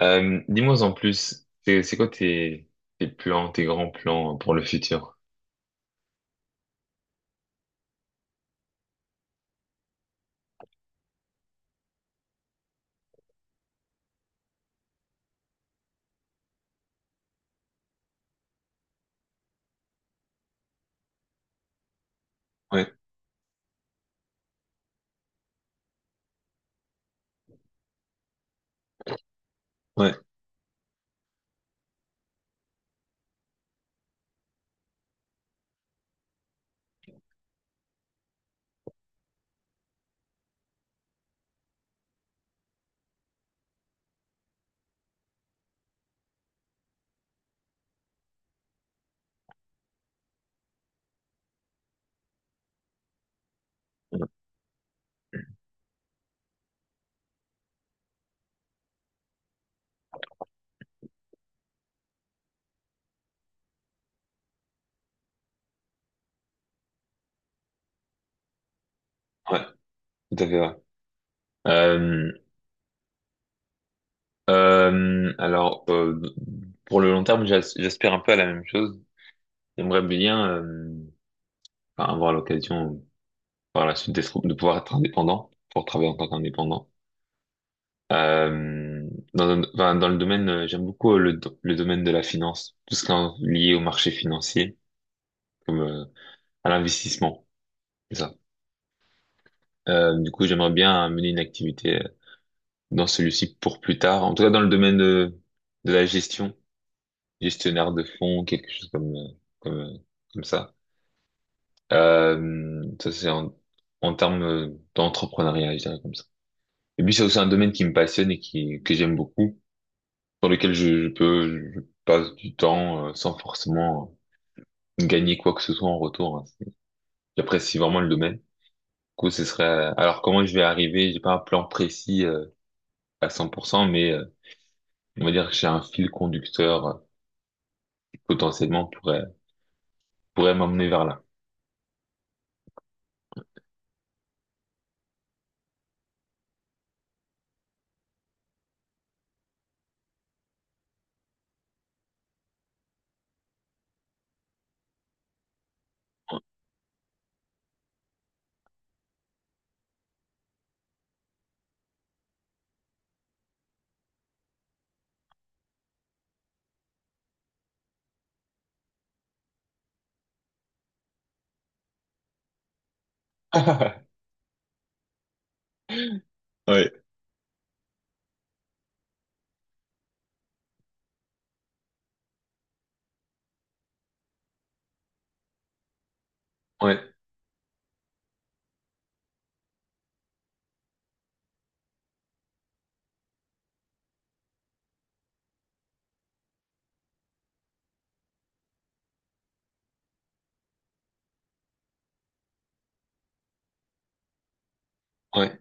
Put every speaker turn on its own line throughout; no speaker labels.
Dis-moi en plus, c'est quoi tes plans, tes grands plans pour le futur? Ouais, ouais, ouais, tout à fait. Ouais. Euh, alors, pour le long terme, j'aspire un peu à la même chose. J'aimerais bien enfin, avoir l'occasion par la suite de pouvoir être indépendant, pour travailler en tant qu'indépendant. Euh, enfin, dans le domaine, j'aime beaucoup le domaine de la finance, tout ce qui est lié au marché financier, comme à l'investissement. Du coup, j'aimerais bien mener une activité dans celui-ci pour plus tard. En tout cas, dans de la gestion, gestionnaire de fonds, quelque chose comme euh, comme ça. Ça c'est en termes d'entrepreneuriat, je dirais comme ça. Et puis c'est aussi un domaine qui me passionne et qui que j'aime beaucoup, dans lequel je peux, je passe du temps sans forcément gagner quoi que ce soit en retour, hein. J'apprécie vraiment le domaine. Du coup, ce serait. Alors comment je vais arriver? J'ai pas un plan précis à 100%, mais on va dire que j'ai un fil conducteur qui potentiellement pourrait m'emmener vers là. Ouais. Ouais, ouais,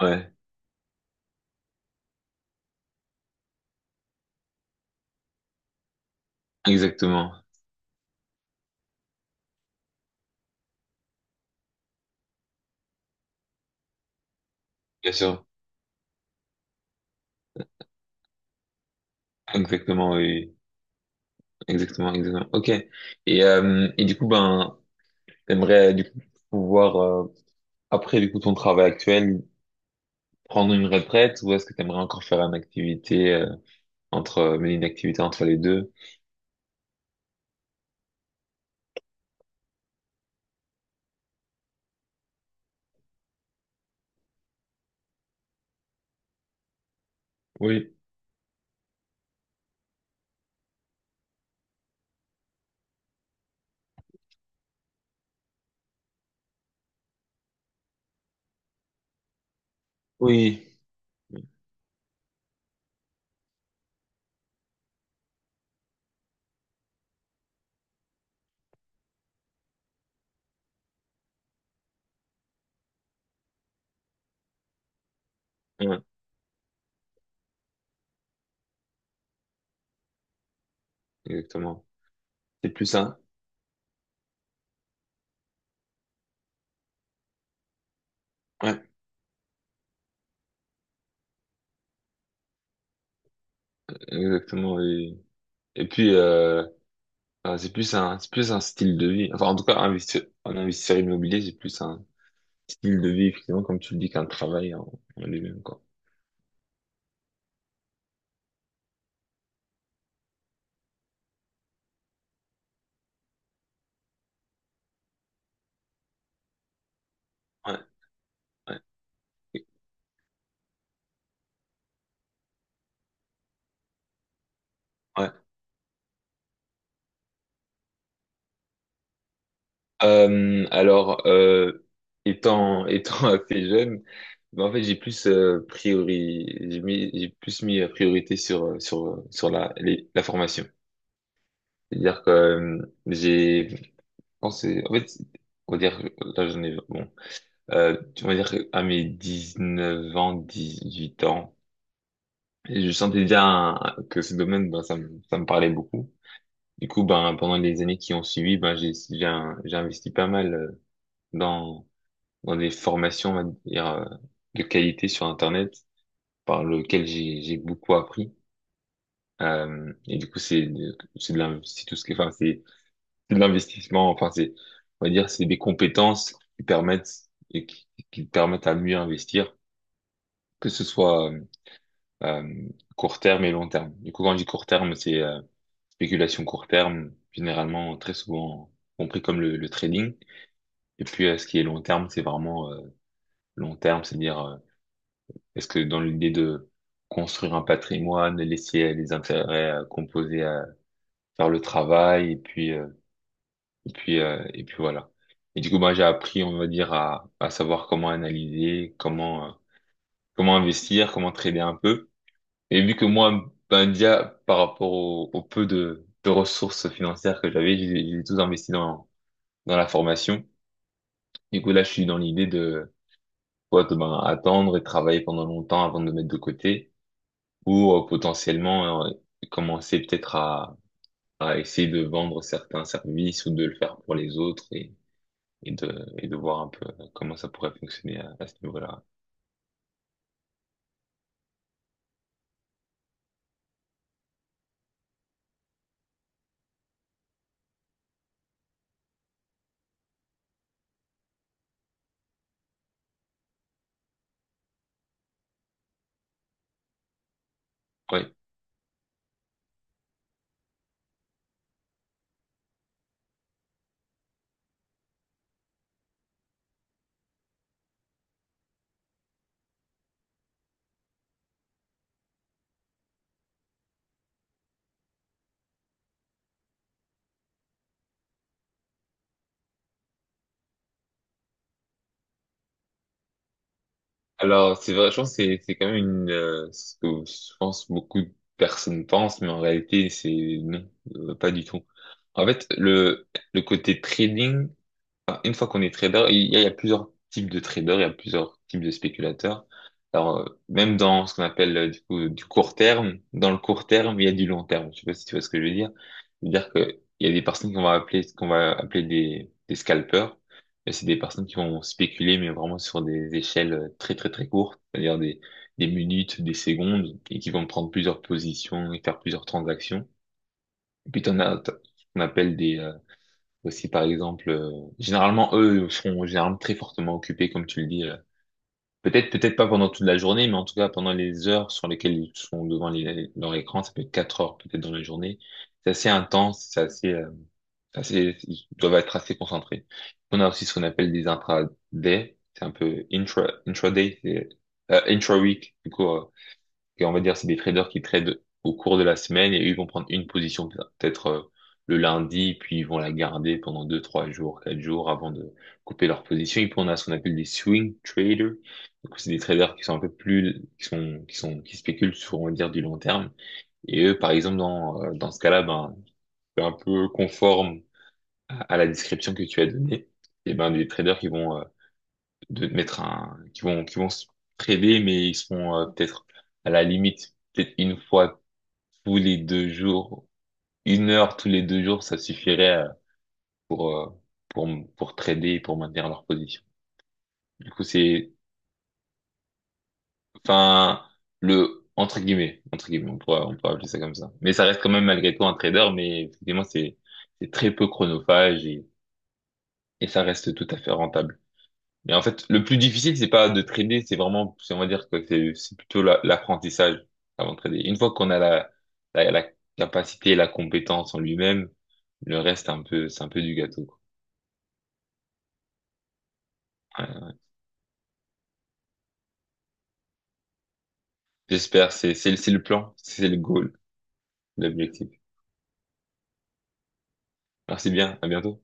ouais, exactement, bien sûr, exactement, oui, exactement, exactement. Ok. Et et du coup, ben, t'aimerais du coup pouvoir après du coup ton travail actuel prendre une retraite, ou est-ce que t'aimerais encore faire une activité entre, mener une activité entre les deux? Oui. Oui, ouais, exactement. C'est plus ça. Ouais, exactement. Oui. Et puis, c'est plus un style de vie. Enfin, en tout cas, investir, en investisseur immobilier, c'est plus un style de vie, effectivement, comme tu le dis, en lui-même, quoi. Ouais, ouais, ouais. Alors, étant, étant assez jeune, ben, en fait, j'ai plus mis la priorité sur, sur la formation. C'est-à-dire que je pense, on va dire, que là, j'en ai, bon, euh, on va dire à mes 19 ans, 18 ans. Et je sentais déjà que ce domaine, ben, ça me parlait beaucoup. Du coup, ben, pendant les années qui ont suivi, ben, j'ai investi pas mal dans, dans des formations, on va dire, de qualité sur Internet, par lequel j'ai beaucoup appris. Et du coup, c'est de l'in- c'est tout ce qui, enfin, C'est de l'investissement, enfin, c'est, on va dire, c'est des compétences qui permettent, et qui te permettent à mieux investir, que ce soit, euh, court terme et long terme. Du coup, quand je dis court terme, c'est spéculation court terme, généralement très souvent compris comme le trading. Et puis ce qui est long terme, c'est vraiment long terme, c'est-à-dire est-ce que dans l'idée de construire un patrimoine, laisser les intérêts composés à faire le travail, et puis voilà. Et du coup, moi, j'ai appris, on va dire, à savoir comment analyser, comment investir, comment trader un peu. Et vu que moi, Bandia, par rapport au peu de ressources financières que j'avais, j'ai tout investi dans la formation. Du coup, là, je suis dans l'idée de soit de, ben, attendre et travailler pendant longtemps avant de me mettre de côté, ou potentiellement commencer peut-être à essayer de vendre certains services ou de le faire pour les autres, et de voir un peu comment ça pourrait fonctionner à ce niveau-là. Ouais. Alors, c'est vrai, je pense que c'est quand même une, ce que je pense beaucoup de personnes pensent, mais en réalité, c'est non, pas du tout. En fait, le côté trading, enfin, une fois qu'on est trader, il y a plusieurs types de traders, il y a plusieurs types de spéculateurs. Alors, même dans ce qu'on appelle du court terme, dans le court terme, il y a du long terme. Je sais pas si tu vois ce que je veux dire. C'est-à-dire que il y a des personnes qu'on va appeler des scalpers. Et c'est des personnes qui vont spéculer, mais vraiment sur des échelles très très très courtes, c'est-à-dire des minutes, des secondes, et qui vont prendre plusieurs positions et faire plusieurs transactions. Et puis, qu'on appelle des aussi, par exemple, généralement, eux seront généralement très fortement occupés, comme tu le dis. Euh. Peut-être, peut-être pas pendant toute la journée, mais en tout cas pendant les heures sur lesquelles ils sont devant leur écran, ça peut être 4 heures peut-être dans la journée. C'est assez intense, c'est assez, ils doivent être assez concentrés. On a aussi ce qu'on appelle des intraday, c'est un peu intra, intraday, c'est intra-week, du coup, et on va dire, c'est des traders qui tradent au cours de la semaine et eux, ils vont prendre une position peut-être le lundi, puis ils vont la garder pendant deux, trois jours, quatre jours avant de couper leur position. Et puis on a ce qu'on appelle des swing traders. Donc c'est des traders qui sont un peu plus, qui spéculent sur, on va dire, du long terme. Et eux, par exemple, dans ce cas-là, ben, c'est un peu conforme à la description que tu as donnée. Et ben, des traders qui vont qui vont se priver, mais ils seront peut-être à la limite, peut-être une fois tous les deux jours, 1 heure tous les deux jours, ça suffirait pour, euh, pour pour trader, pour maintenir leur position. Du coup, c'est, enfin, le, entre guillemets, on pourrait appeler ça comme ça. Mais ça reste quand même malgré tout un trader, mais effectivement, c'est très peu chronophage, et ça reste tout à fait rentable. Mais en fait, le plus difficile, c'est pas de trader, c'est vraiment, on va dire que c'est plutôt l'apprentissage avant de trader. Une fois qu'on a la capacité, la compétence en lui-même, le reste, un peu, c'est un peu du gâteau, quoi. Ouais. J'espère, c'est le plan, c'est le goal, l'objectif. Merci bien, à bientôt.